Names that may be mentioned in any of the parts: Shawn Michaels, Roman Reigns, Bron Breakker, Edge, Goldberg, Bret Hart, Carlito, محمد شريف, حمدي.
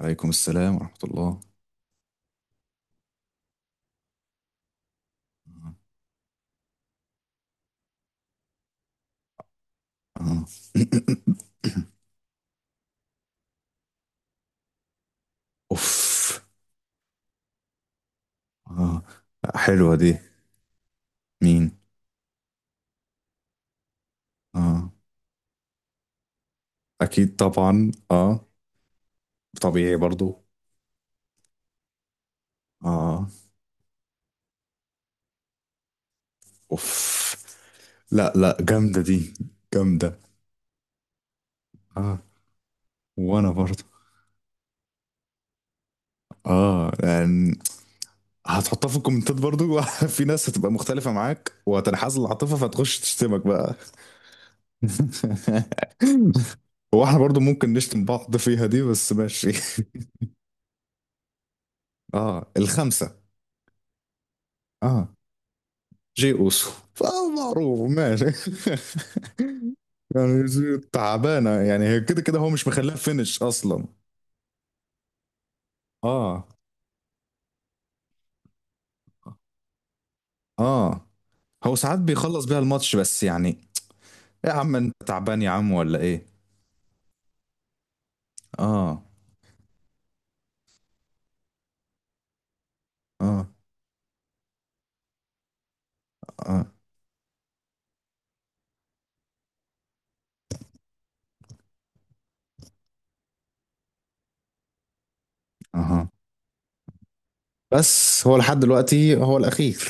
عليكم السلام ورحمة الله. آه. أوف. آه. حلوة دي. مين. آه. أكيد طبعا آه. طبيعي برضو. آه. أوف. لا لا، جامدة دي. جامدة. آه، وأنا برضو آه يعني هتحطها في الكومنتات برضو. في ناس هتبقى مختلفة معاك وهتنحاز العاطفة فتخش تشتمك بقى. هو احنا برضو ممكن نشتم بعض فيها دي بس ماشي. اه الخمسة. اه جي اوسو. فمعروف ماشي. يعني تعبانه، يعني هي كده كده هو مش مخليها فينش اصلا. اه. اه. هو ساعات بيخلص بيها الماتش بس يعني إيه؟ يا عم انت تعبان يا عم ولا ايه؟ اه. اه. اه. اه. بس هو لحد دلوقتي هو الاخير.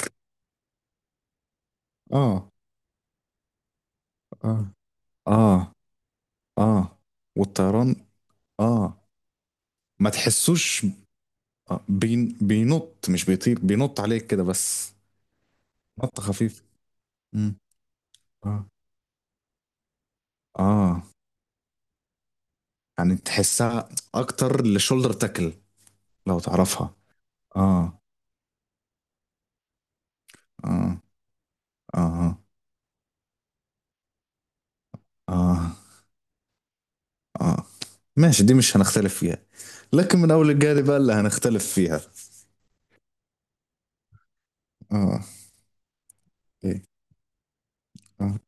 اه. اه. اه. اه. والطيران. اه. ما تحسوش. بين بينط، مش بيطير، بينط عليك كده بس. نطة خفيفة. مم. اه. اه. يعني تحسها اكتر لشولدر تاكل. لو تعرفها. اه. اه. اه. اه. اه. ماشي، دي مش هنختلف فيها. لكن من اول الجاري بقى اللي هنختلف فيها. اه. ايه. اه.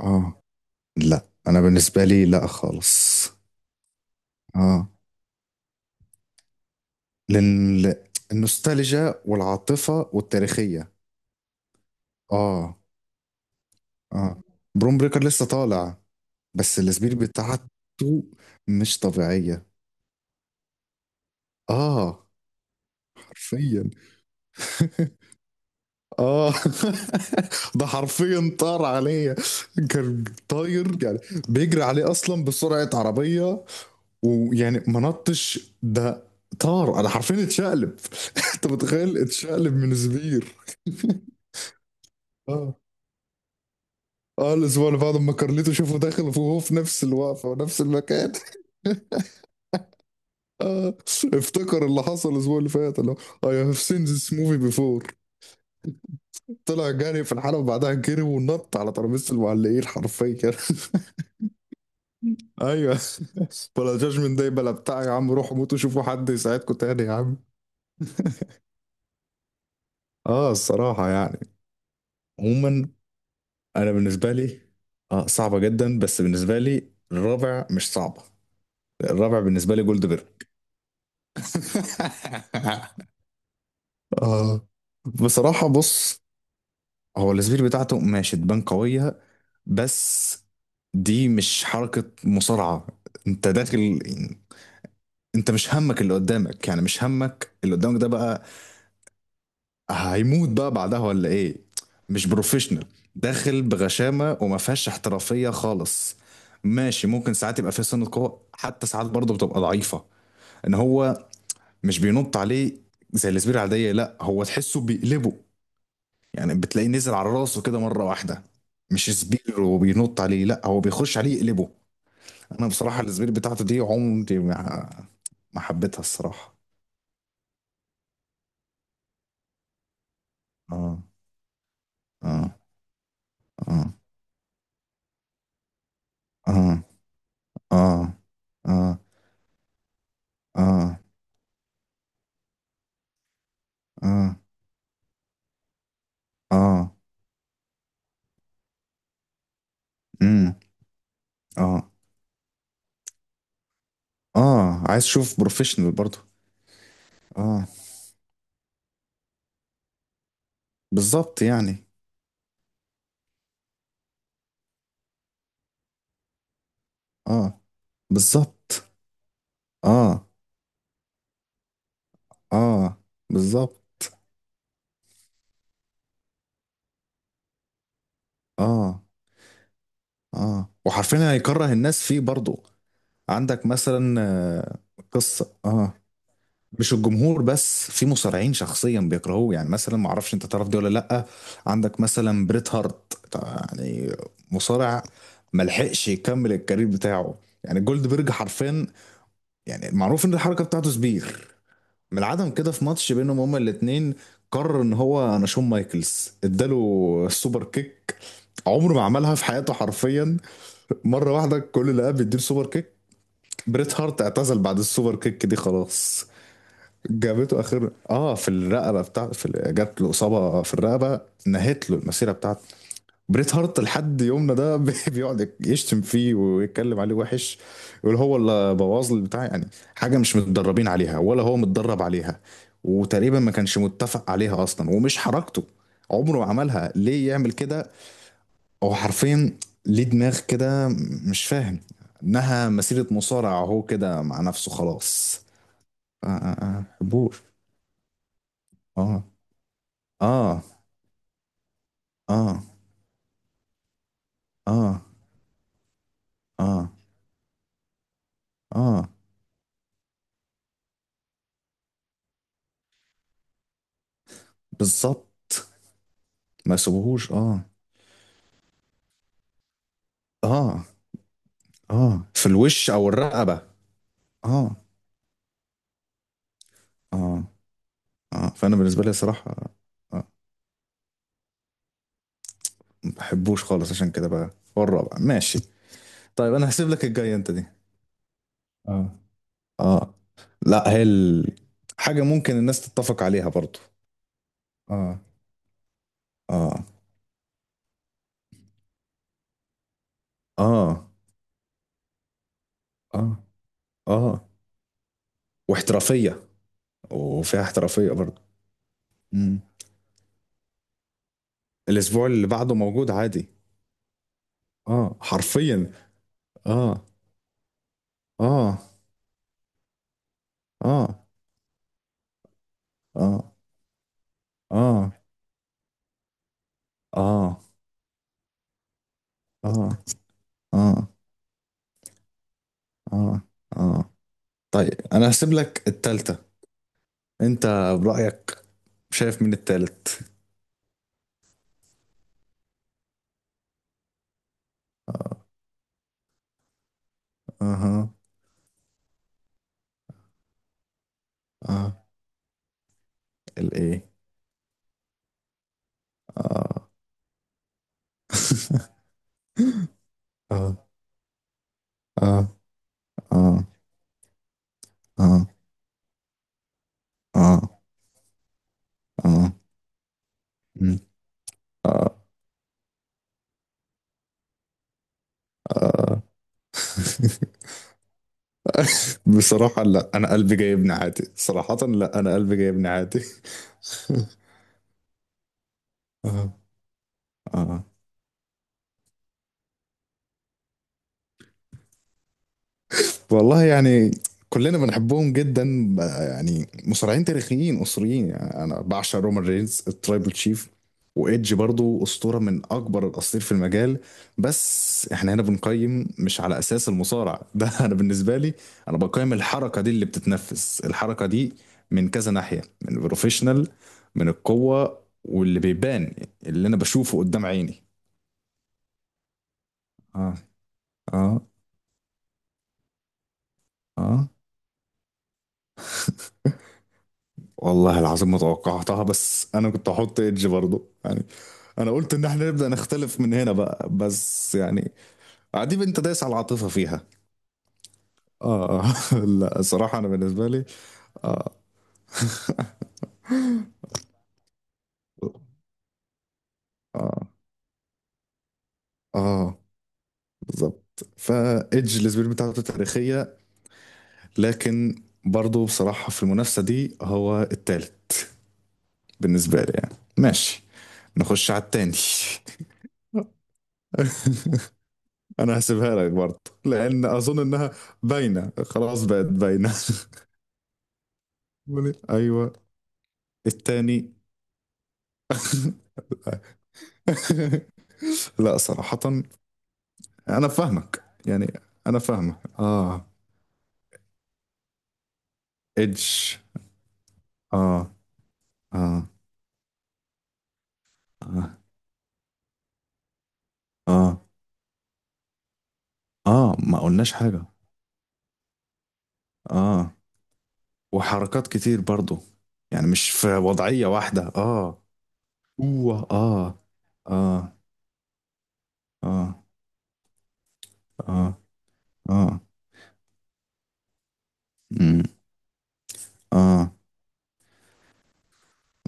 اه. لا انا بالنسبه لي لا خالص. اه. لان النوستالجيا والعاطفه والتاريخيه. اه. اه. بروم بريكر لسه طالع. بس الاسبير بتاعته مش طبيعيه. اه. حرفيا. اه. ده حرفيا طار عليا. كان طاير يعني. بيجري عليه اصلا بسرعه عربيه. ويعني ما نطش ده، طار. انا حرفيا اتشقلب. انت متخيل اتشقلب من زبير؟ اه. اه الاسبوع اللي بعده لما كارليتو شافه داخل وهو في نفس الوقفه ونفس المكان. اه افتكر اللي حصل الاسبوع اللي فات اللي هو I have seen this movie before. طلع جري في الحلبة، بعدها جري ونط على ترابيزة المعلقين حرفيا. ايوه. ولا جاجمنت داي بلا بتاع، يا عم روحوا موتوا شوفوا حد يساعدكم تاني يا عم. اه الصراحة يعني. عموما انا بالنسبة لي. اه صعبة جدا، بس بالنسبة لي الرابع مش صعبة. الرابع بالنسبة لي جولد بيرج. اه. بصراحة بص، هو السبير بتاعته ماشي تبان قوية. بس دي مش حركة مصارعة. انت داخل، انت مش همك اللي قدامك، يعني مش همك اللي قدامك ده بقى، هيموت بقى بعدها ولا ايه؟ مش بروفيشنال. داخل بغشامه وما فيهاش احترافيه خالص. ماشي، ممكن ساعات يبقى فيها سنه قوه، حتى ساعات برضه بتبقى ضعيفه. ان هو مش بينط عليه زي السبير العاديه، لا هو تحسه بيقلبه. يعني بتلاقيه نزل على راسه كده مره واحده. مش سبير وبينط عليه، لا هو بيخش عليه يقلبه. انا بصراحه السبير بتاعته دي عمري ما حبيتها الصراحه. اه. اه. اه. اه. اه. اه. اه. آه. اه. امم. اه. اه عايز اشوف بروفيشنال برضو. اه بالظبط يعني. اه. بالظبط. اه. اه. بالظبط. اه. اه وحرفيا هيكره الناس فيه برضو. عندك مثلا قصة اه، مش الجمهور بس، في مصارعين شخصيا بيكرهوه يعني. مثلا ما اعرفش انت تعرف دي ولا لا. عندك مثلا بريت هارت يعني، مصارع ملحقش يكمل الكارير بتاعه. يعني جولد بيرج حرفيا، يعني معروف ان الحركه بتاعته سبير، من العدم كده في ماتش بينهم هما الاتنين قرر ان هو، انا شون مايكلز اداله السوبر كيك، عمره ما عملها في حياته حرفيا، مره واحده كل اللي قام بيديله سوبر كيك. بريت هارت اعتزل بعد السوبر كيك دي خلاص. جابته اخر في الرقبه بتاع جات له اصابه في الرقبه، نهت له المسيره بتاعته. بريت هارت لحد يومنا ده بيقعد يشتم فيه ويتكلم عليه وحش. يقول هو اللي بوظ لي البتاع يعني. حاجه مش متدربين عليها ولا هو متدرب عليها، وتقريبا ما كانش متفق عليها اصلا ومش حركته، عمره ما عملها. ليه يعمل كده؟ هو حرفيا ليه دماغ كده، مش فاهم انها مسيره مصارعه. هو كده مع نفسه خلاص. اه. اه اه حبوش. اه. اه. اه. اه. اه. اه. بالظبط ما سبهوش اه. اه. اه في الوش او الرقبه. اه. اه. اه فانا بالنسبه لي صراحه، آه، ما بحبوش خالص عشان كده بقى. هو الرابع ماشي. طيب انا هسيب لك الجاي انت دي. اه. اه. لا هي ال... حاجه ممكن الناس تتفق عليها برضو. اه. اه. اه. اه. اه واحترافيه. وفيها احترافيه برضو. امم. الاسبوع اللي بعده موجود عادي. اه حرفيا. اه. اه. اه. اه. اه. اه. اه. اه. اه. اه طيب انا هسيب لك التالتة. انت برأيك شايف مين التالت؟ آه، اها. اه. اه. الايه. اه. اه. اه. اه. اه. اه. اه. مم. اه. اه. بصراحة لا، انا قلبي جايبني عادي. صراحة لا، انا قلبي جايبني عادي. اه. اه والله يعني، كلنا بنحبهم جدا بقى، يعني مصارعين تاريخيين اسطوريين. يعني انا بعشق رومان رينز الترايبل تشيف، وايدج برضو اسطوره من اكبر الاساطير في المجال. بس احنا هنا بنقيم مش على اساس المصارع ده. انا بالنسبه لي، انا بقيم الحركه دي، اللي بتتنفس الحركه دي من كذا ناحيه، من البروفيشنال، من القوه، واللي بيبان اللي انا بشوفه قدام عيني. اه. اه. اه والله العظيم ما توقعتها، بس انا كنت هحط ايدج برضه يعني. انا قلت ان احنا نبدأ نختلف من هنا بقى، بس يعني عديب انت دايس على العاطفة فيها. اه. لا الصراحة انا بالنسبة لي. اه. اه. اه. بالظبط، فايدج السبيل بتاعته تاريخية، لكن برضه بصراحة في المنافسة دي هو التالت بالنسبة لي يعني. ماشي، نخش على التاني. انا هسيبها لك برضه، لان اظن انها باينه، خلاص بقت باينه. ايوه. التاني. لا صراحه، انا فاهمك يعني. انا فاهمك. اه ايدج. اه. اه. اه. اه. اه ما قلناش حاجه. اه وحركات كتير برضه، يعني مش في وضعيه واحده. اه. اوه اه. اه. اه. اه. اه. آه، مم، اه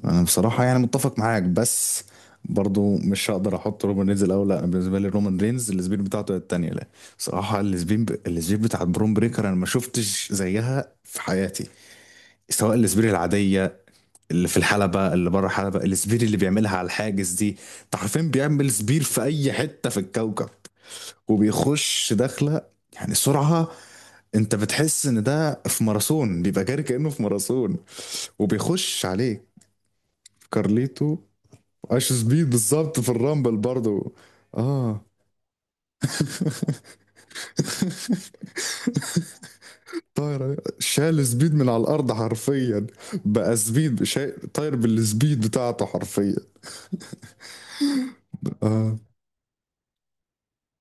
انا بصراحة يعني متفق معاك، بس برضو مش هقدر احط رومان رينز الاول. لا أنا بالنسبة لي رومان رينز السبين بتاعته هي التانية، لا. بصراحة السبين بتاعت برون بريكر انا ما شفتش زيها في حياتي. سواء السبين العادية اللي في الحلبة، اللي بره الحلبة، السبير اللي بيعملها على الحاجز دي. انت عارفين بيعمل سبير في اي حتة في الكوكب. وبيخش داخلة، يعني سرعة، انت بتحس ان ده في ماراثون، بيبقى جاري كأنه في ماراثون. وبيخش عليك. كارليتو. عاش سبيد بالظبط في الرامبل برضو. اه. طاير شال سبيد من على الارض حرفيا. طاير بالسبيد بتاعته حرفيا. اه.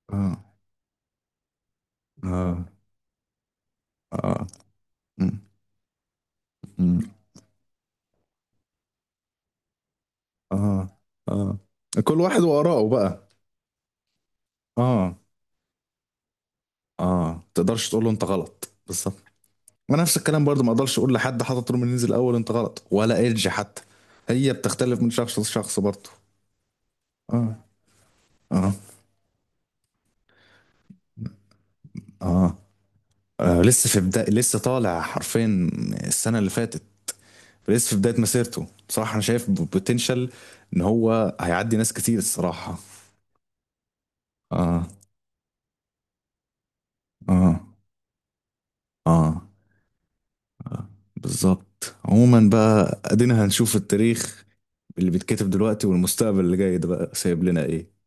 اه. اه. اه. م- م- اه. اه. كل واحد وآراءه بقى. اه. اه تقدرش تقول له انت غلط بالظبط. ونفس الكلام برضو، ما اقدرش اقول لحد حاطط طول من ينزل الاول انت غلط، ولا ايدج حتى. هي بتختلف من شخص لشخص برضو. اه. اه. اه. آه لسه طالع حرفيا، السنة اللي فاتت. لسه في بداية مسيرته، بصراحة أنا شايف بوتنشال إن هو هيعدي ناس كتير الصراحة. آه. آه. آه. آه. بالظبط. عموما بقى أدينا هنشوف التاريخ اللي بيتكتب دلوقتي والمستقبل اللي جاي ده بقى سايب لنا إيه.